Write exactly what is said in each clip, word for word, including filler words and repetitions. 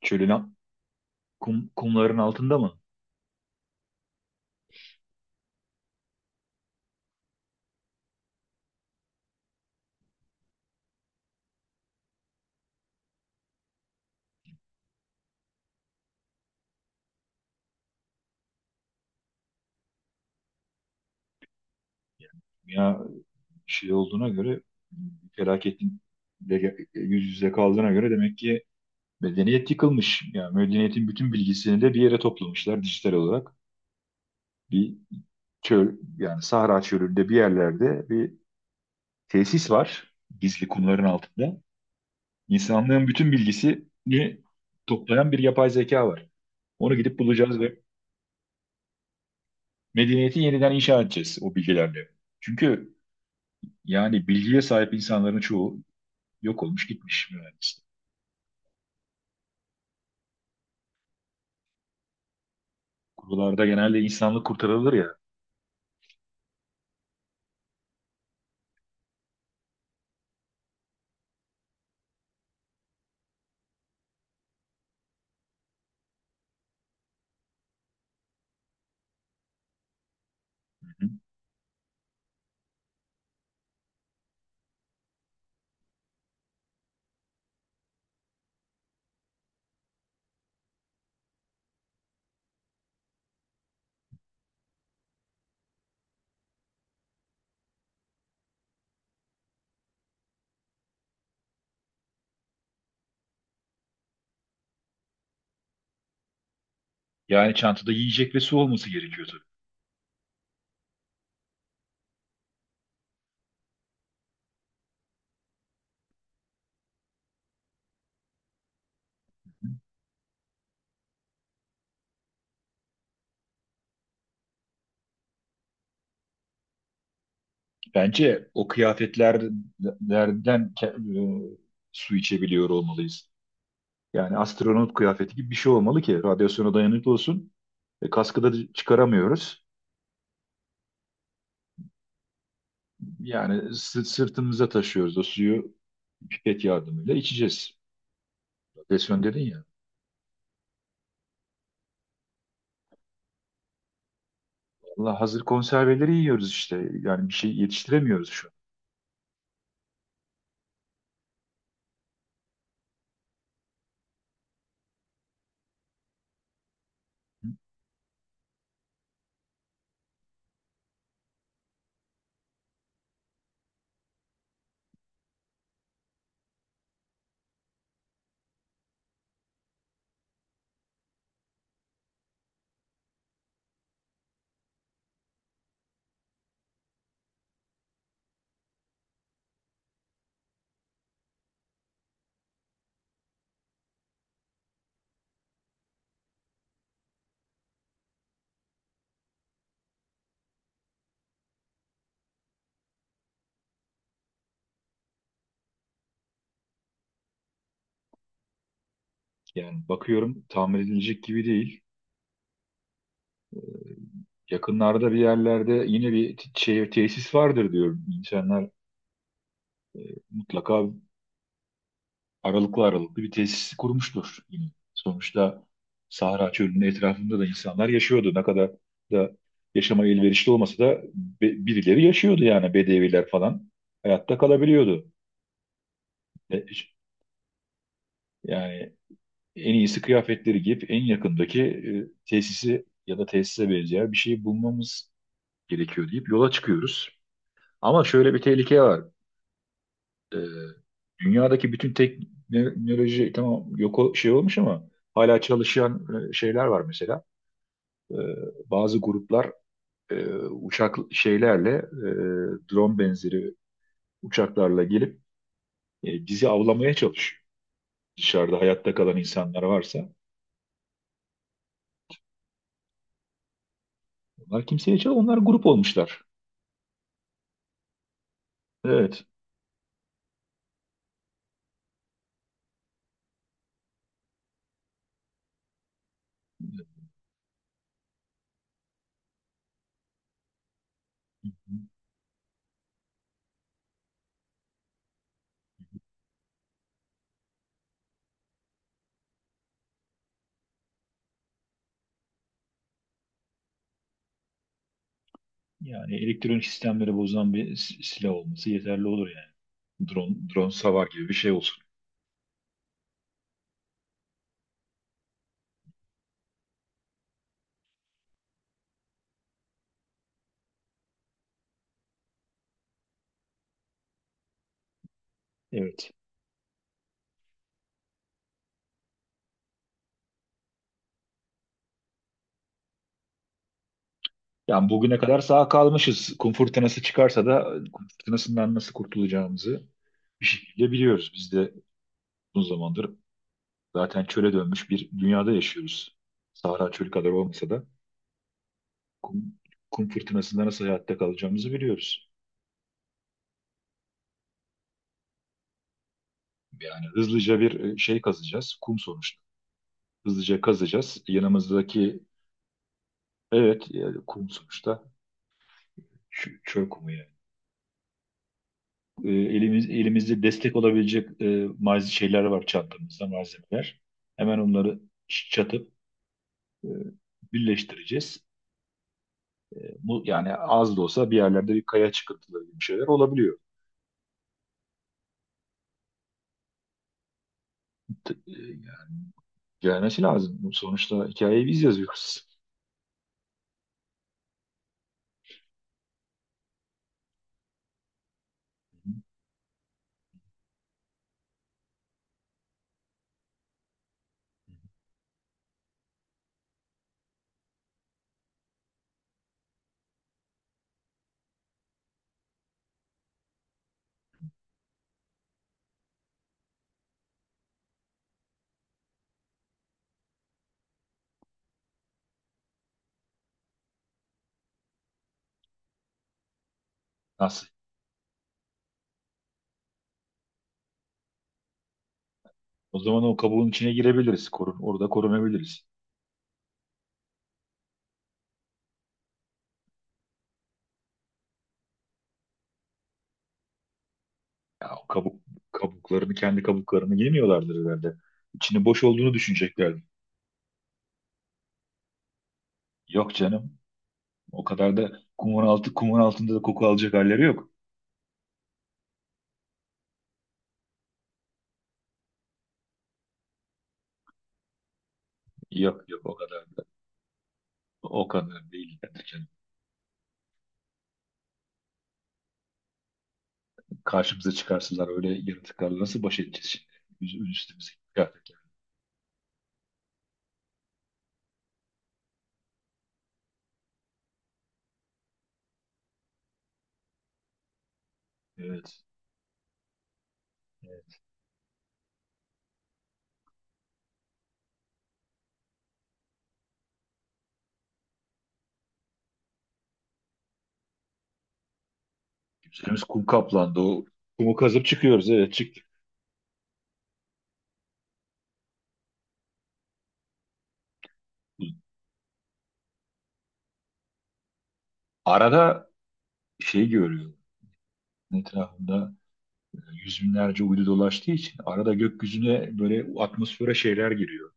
Çölün a- kum, kumların altında mı? Ya şey olduğuna göre felaketin de ge- yüz yüze kaldığına göre demek ki medeniyet yıkılmış. Yani medeniyetin bütün bilgisini de bir yere toplamışlar dijital olarak. Bir çöl, yani Sahra çölünde bir yerlerde bir tesis var, gizli, kumların altında. İnsanlığın bütün bilgisini toplayan bir yapay zeka var. Onu gidip bulacağız ve medeniyeti yeniden inşa edeceğiz o bilgilerle. Çünkü yani bilgiye sahip insanların çoğu yok olmuş, gitmiş mühendislik. Kurullarda genelde insanlık kurtarılır ya. Hı hı. Yani çantada yiyecek ve su olması gerekiyor tabii. Bence o kıyafetlerden ke- e, su içebiliyor olmalıyız. Yani astronot kıyafeti gibi bir şey olmalı ki radyasyona dayanıklı olsun. E, kaskı da çıkaramıyoruz. Yani sı- sırtımıza taşıyoruz o suyu, pipet yardımıyla içeceğiz. Radyasyon dedin ya. Vallahi hazır konserveleri yiyoruz işte. Yani bir şey yetiştiremiyoruz şu an. Yani bakıyorum, tamir edilecek gibi değil. Yakınlarda bir yerlerde yine bir t- şey, tesis vardır diyorum. İnsanlar mutlaka aralıklı aralıklı bir tesis kurmuştur yine. Sonuçta Sahra Çölü'nün etrafında da insanlar yaşıyordu. Ne kadar da yaşama elverişli olmasa da be- birileri yaşıyordu, yani bedeviler falan. Hayatta kalabiliyordu. E, Yani en iyisi kıyafetleri giyip en yakındaki e, tesisi ya da tesise benzeyen bir şeyi bulmamız gerekiyor deyip yola çıkıyoruz. Ama şöyle bir tehlike var. Ee, Dünyadaki bütün teknoloji, tamam, yok o- şey olmuş ama hala çalışan e, şeyler var mesela. Ee, Bazı gruplar e, uçak şeylerle e, drone benzeri uçaklarla gelip e, bizi avlamaya çalışıyor. Dışarıda hayatta kalan insanlar varsa onlar kimseye çal onlar grup olmuşlar. Evet. Yani elektronik sistemleri bozan bir s- silah olması yeterli olur yani. Drone, drone savar gibi bir şey olsun. Evet. Yani bugüne kadar sağ kalmışız. Kum fırtınası çıkarsa da kum fırtınasından nasıl kurtulacağımızı bir şekilde biliyoruz. Biz de uzun zamandır zaten çöle dönmüş bir dünyada yaşıyoruz. Sahra çölü kadar olmasa da kum, kum fırtınasında nasıl hayatta kalacağımızı biliyoruz. Yani hızlıca bir e, şey kazacağız. Kum sonuçta. Hızlıca kazacağız. Yanımızdaki, evet, yani kum sonuçta. Ç- Çöl kumu yani. E, elimiz, elimizde destek olabilecek e, malzeme şeyler var, çantamızda malzemeler. Hemen onları çatıp e, birleştireceğiz. E, bu yani az da olsa bir yerlerde bir kaya çıkıntıları gibi şeyler olabiliyor. T- e, Gelmesi lazım. Bu, sonuçta hikayeyi biz yazıyoruz. Nasıl? O zaman o kabuğun içine girebiliriz. Korun, orada korunabiliriz. Ya o kabuk, kabuklarını, kendi kabuklarını yemiyorlardır herhalde. İçinin boş olduğunu düşünecekler. Yok canım. O kadar da kumun altı kumun altında da koku alacak halleri yok. Yok yok, o kadar da. O kadar değil. Yani canım. Karşımıza çıkarsalar öyle yaratıklarla nasıl baş edeceğiz şimdi? Üz- Üstümüze geldik. Evet, evet. Üstümüz kum kaplandı. O kumu kazıp çıkıyoruz. Evet, çıktık. Arada şey görüyorum. Etrafında yüz binlerce uydu dolaştığı için arada gökyüzüne, böyle atmosfere şeyler giriyor.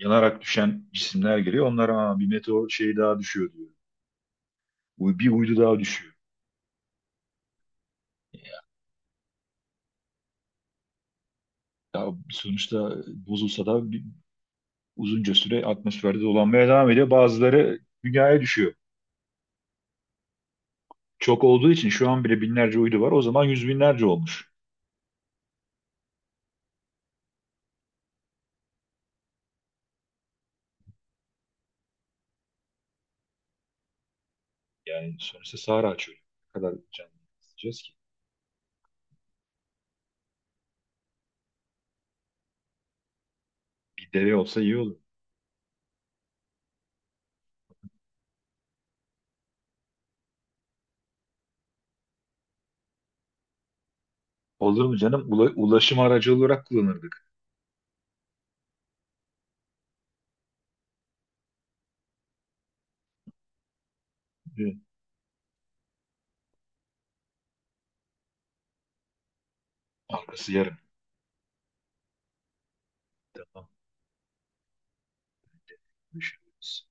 Yanarak düşen cisimler giriyor. Onlara "Aa, bir meteor şeyi daha düşüyor" diyor. Uy- Bir uydu daha düşüyor. Ya sonuçta bozulsa da bir- uzunca süre atmosferde dolanmaya devam ediyor. Bazıları dünyaya düşüyor. Çok olduğu için şu an bile binlerce uydu var. O zaman yüz binlerce olmuş. Yani sonuçta Sahra çölü. Ne kadar canlı isteyeceğiz ki? Bir deve olsa iyi olur. Olur mu canım? Ula- ulaşım aracı olarak kullanırdık. Evet. Arkası yarım. Tamam. Düşünürüz.